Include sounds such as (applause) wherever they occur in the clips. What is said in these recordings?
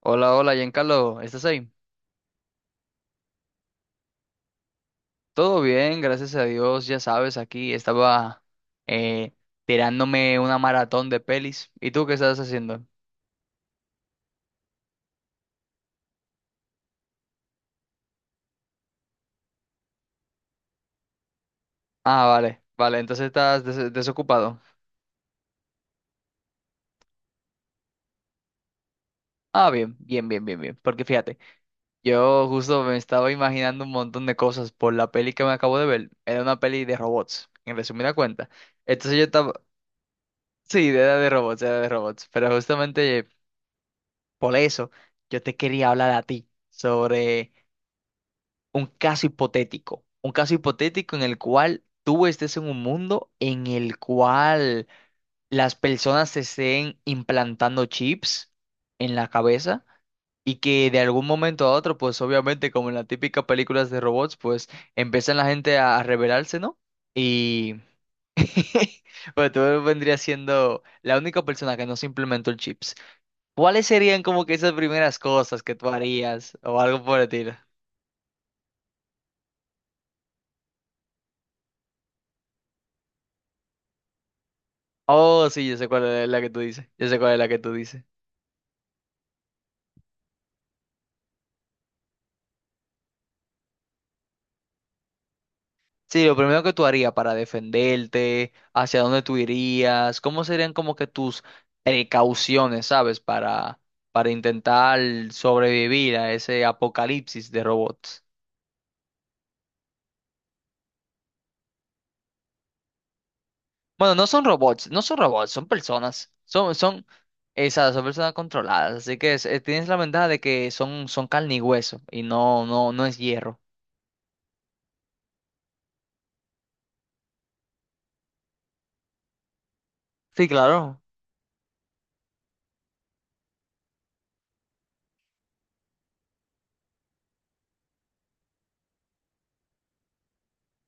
Hola, hola, Giancarlo, ¿estás ahí? Todo bien, gracias a Dios, ya sabes, aquí estaba eh, tirándome una maratón de pelis. ¿Y tú qué estás haciendo? Ah, vale, vale, entonces estás desocupado. Ah, bien, bien, bien, bien, bien, porque fíjate, yo justo me estaba imaginando un montón de cosas por la peli que me acabo de ver. Era una peli de robots, en resumida cuenta. Entonces yo estaba, sí, era de robots, pero justamente por eso yo te quería hablar a ti sobre un caso hipotético en el cual tú estés en un mundo en el cual las personas se estén implantando chips en la cabeza y que de algún momento a otro, pues obviamente como en las típicas películas de robots, pues empiezan la gente a rebelarse, ¿no? Y (laughs) pues tú vendrías siendo la única persona que no se implementó el chips. ¿Cuáles serían como que esas primeras cosas que tú harías o algo por el estilo? Oh, sí, yo sé cuál es la que tú dices. Yo sé cuál es la que tú dices. Sí, lo primero que tú harías para defenderte, hacia dónde tú irías, cómo serían como que tus precauciones, ¿sabes? Para intentar sobrevivir a ese apocalipsis de robots. Bueno, no son robots, no son robots, son personas. Esas, son personas controladas. Así que tienes la ventaja de que son, son carne y hueso y no, no, no es hierro. Sí, claro.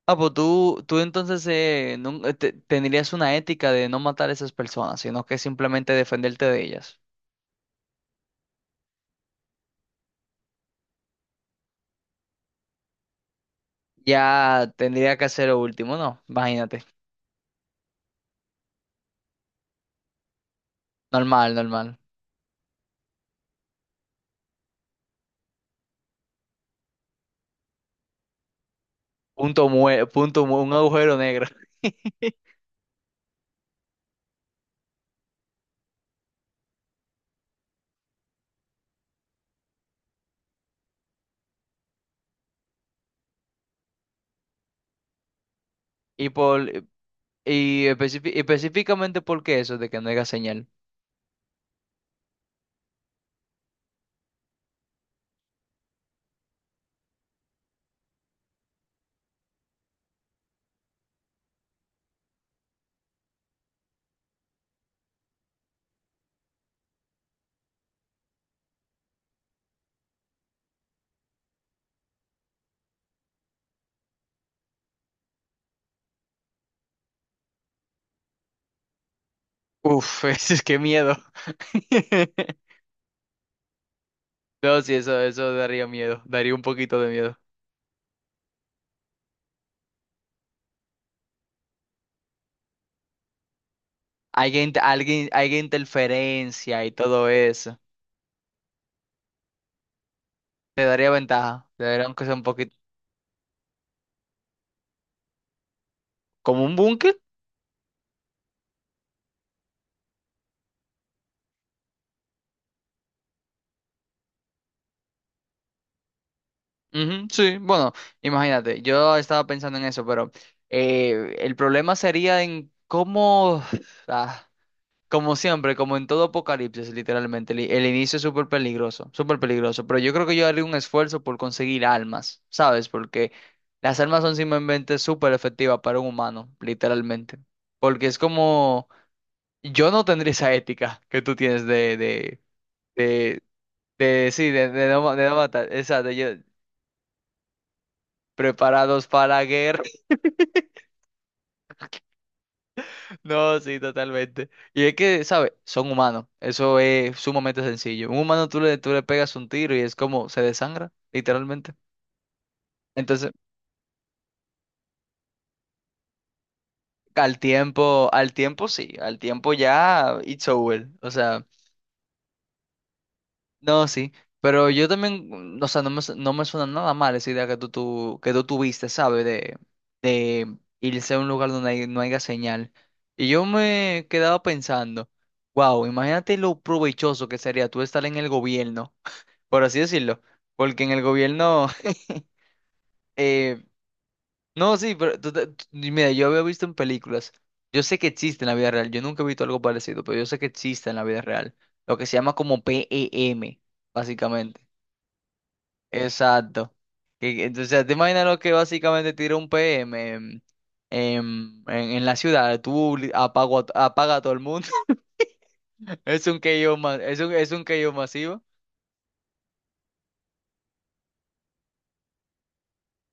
Ah, pues tú entonces tendrías una ética de no matar a esas personas, sino que simplemente defenderte de ellas. Ya tendría que hacer lo último, ¿no? Imagínate. Normal, normal. Punto mue- punto mu- Un agujero negro. (laughs) Y por específicamente por qué eso de que no haya señal. Uf, (laughs) es que miedo. (laughs) No, sí, eso daría miedo, daría un poquito de miedo. Alguien, interferencia y todo eso. Te daría ventaja. Te daría aunque sea un poquito. ¿Como un búnker? Ujú, sí, bueno, imagínate. Yo estaba pensando en eso, pero el problema sería en cómo. ah, Como siempre, como en todo apocalipsis, literalmente. El inicio es súper peligroso, súper peligroso. Pero yo creo que yo haría un esfuerzo por conseguir almas, ¿sabes? Porque las almas son simplemente súper efectivas para un humano, literalmente. Porque es como. Yo no tendría esa ética que tú tienes de de no matar, exacto, yo, preparados para la guerra. (laughs) No, sí, totalmente. Y es que, ¿sabes? Son humanos, eso es sumamente sencillo. Un humano tú le pegas un tiro y es como se desangra, literalmente. Entonces, al tiempo ya, it's over. O sea, no, sí. Pero yo también, o sea, no me suena nada mal esa idea que tú tuviste, ¿sabes? Irse a un lugar donde no haya señal. Y yo me quedaba pensando, wow, imagínate lo provechoso que sería tú estar en el gobierno, (laughs) por así decirlo, porque en el gobierno, (laughs) eh, no, sí, pero mira, yo había visto en películas, yo sé que existe en la vida real, yo nunca he visto algo parecido, pero yo sé que existe en la vida real, lo que se llama como PEM, básicamente. Exacto. Entonces, te imaginas lo que básicamente tira un PM en, en la ciudad. Apago, apaga a todo el mundo. (laughs) Es un KO, es un KO masivo.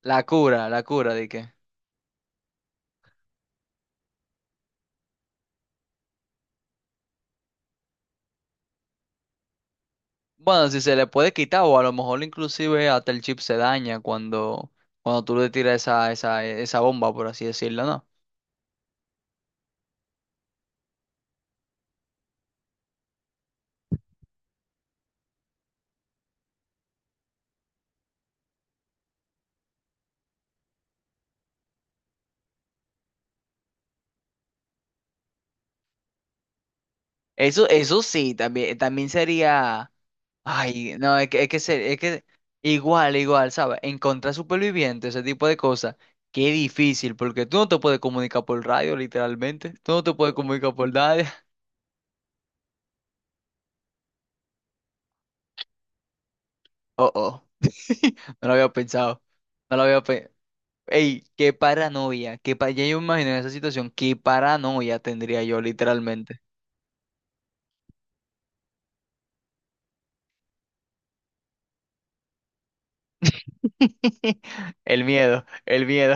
La cura, de que. Bueno, si se le puede quitar, o a lo mejor inclusive hasta el chip se daña cuando, cuando tú le tiras esa bomba, por así decirlo, ¿no? Eso sí, también, también sería. Ay, no, es que igual, igual, ¿sabes? Encontrar supervivientes, ese tipo de cosas, qué difícil, porque tú no te puedes comunicar por radio, literalmente. Tú no te puedes comunicar por nadie. Oh, oh. (laughs) No lo había pensado. No lo había pensado. Ey, qué paranoia. Ya yo me imagino en esa situación, qué paranoia tendría yo, literalmente. (laughs) El miedo, el miedo.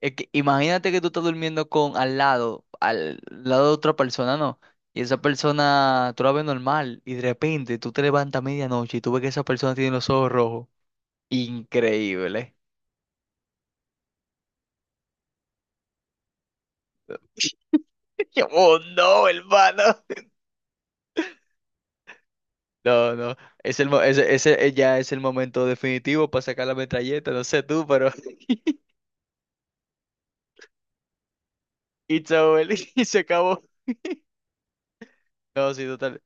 Es que imagínate que tú estás durmiendo con al lado de otra persona, ¿no? Y esa persona, tú la ves normal y de repente tú te levantas a medianoche y tú ves que esa persona tiene los ojos rojos. Increíble. (laughs) Yo, oh, no, hermano. (laughs) No, no. Es el, mo- ese Ya es el momento definitivo para sacar la metralleta. No sé tú, pero... (laughs) It's over. (laughs) Y se acabó. No, sí, total.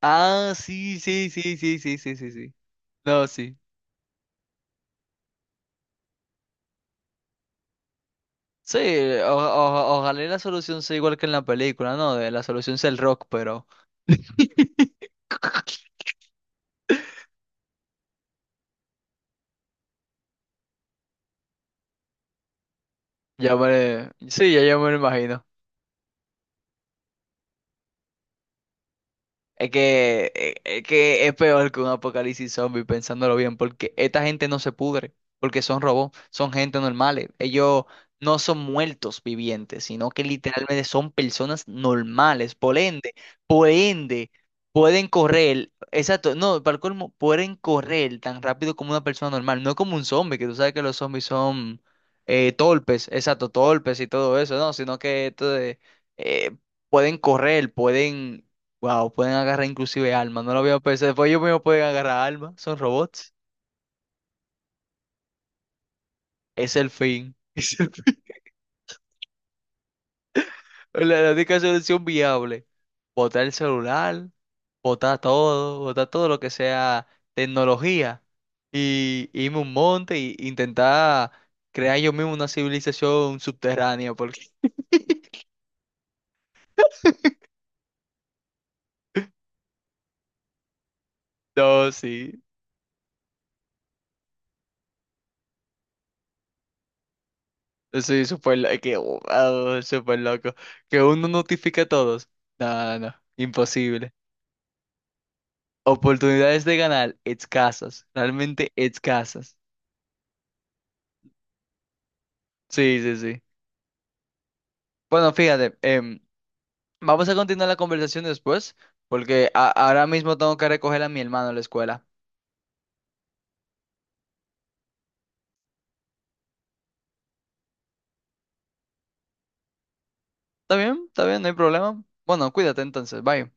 Ah, sí, sí, sí, sí, sí, sí, sí, sí. No, sí. Sí, ojalá y la solución sea igual que en la película, ¿no? La solución sea el rock, pero (laughs) ya me... Sí, ya, ya me lo imagino. Es que, es que es peor que un apocalipsis zombie, pensándolo bien, porque esta gente no se pudre, porque son robots, son gente normales. Ellos no son muertos vivientes, sino que literalmente son personas normales. Por ende, pueden correr, exacto, no, para el colmo, pueden correr tan rápido como una persona normal, no como un zombie, que tú sabes que los zombies son torpes, exacto, torpes y todo eso, no, sino que esto de, eh, pueden wow, pueden agarrar inclusive alma. No lo había pensado. Después ellos mismos pueden agarrar alma. Son robots. Es el fin. (laughs) Es el fin. La única solución viable. Botar el celular, botar todo lo que sea tecnología. Y irme a un monte e intentar crear yo mismo una civilización subterránea. Porque (laughs) no, sí. Eso es súper wow, súper loco. Que uno notifique a todos. No, no, imposible. Oportunidades de ganar escasas, realmente escasas. Sí, sí, sí. Bueno, fíjate, vamos a continuar la conversación después, porque ahora mismo tengo que recoger a mi hermano a la escuela. ¿Está bien? ¿Está bien? No hay problema. Bueno, cuídate entonces, bye.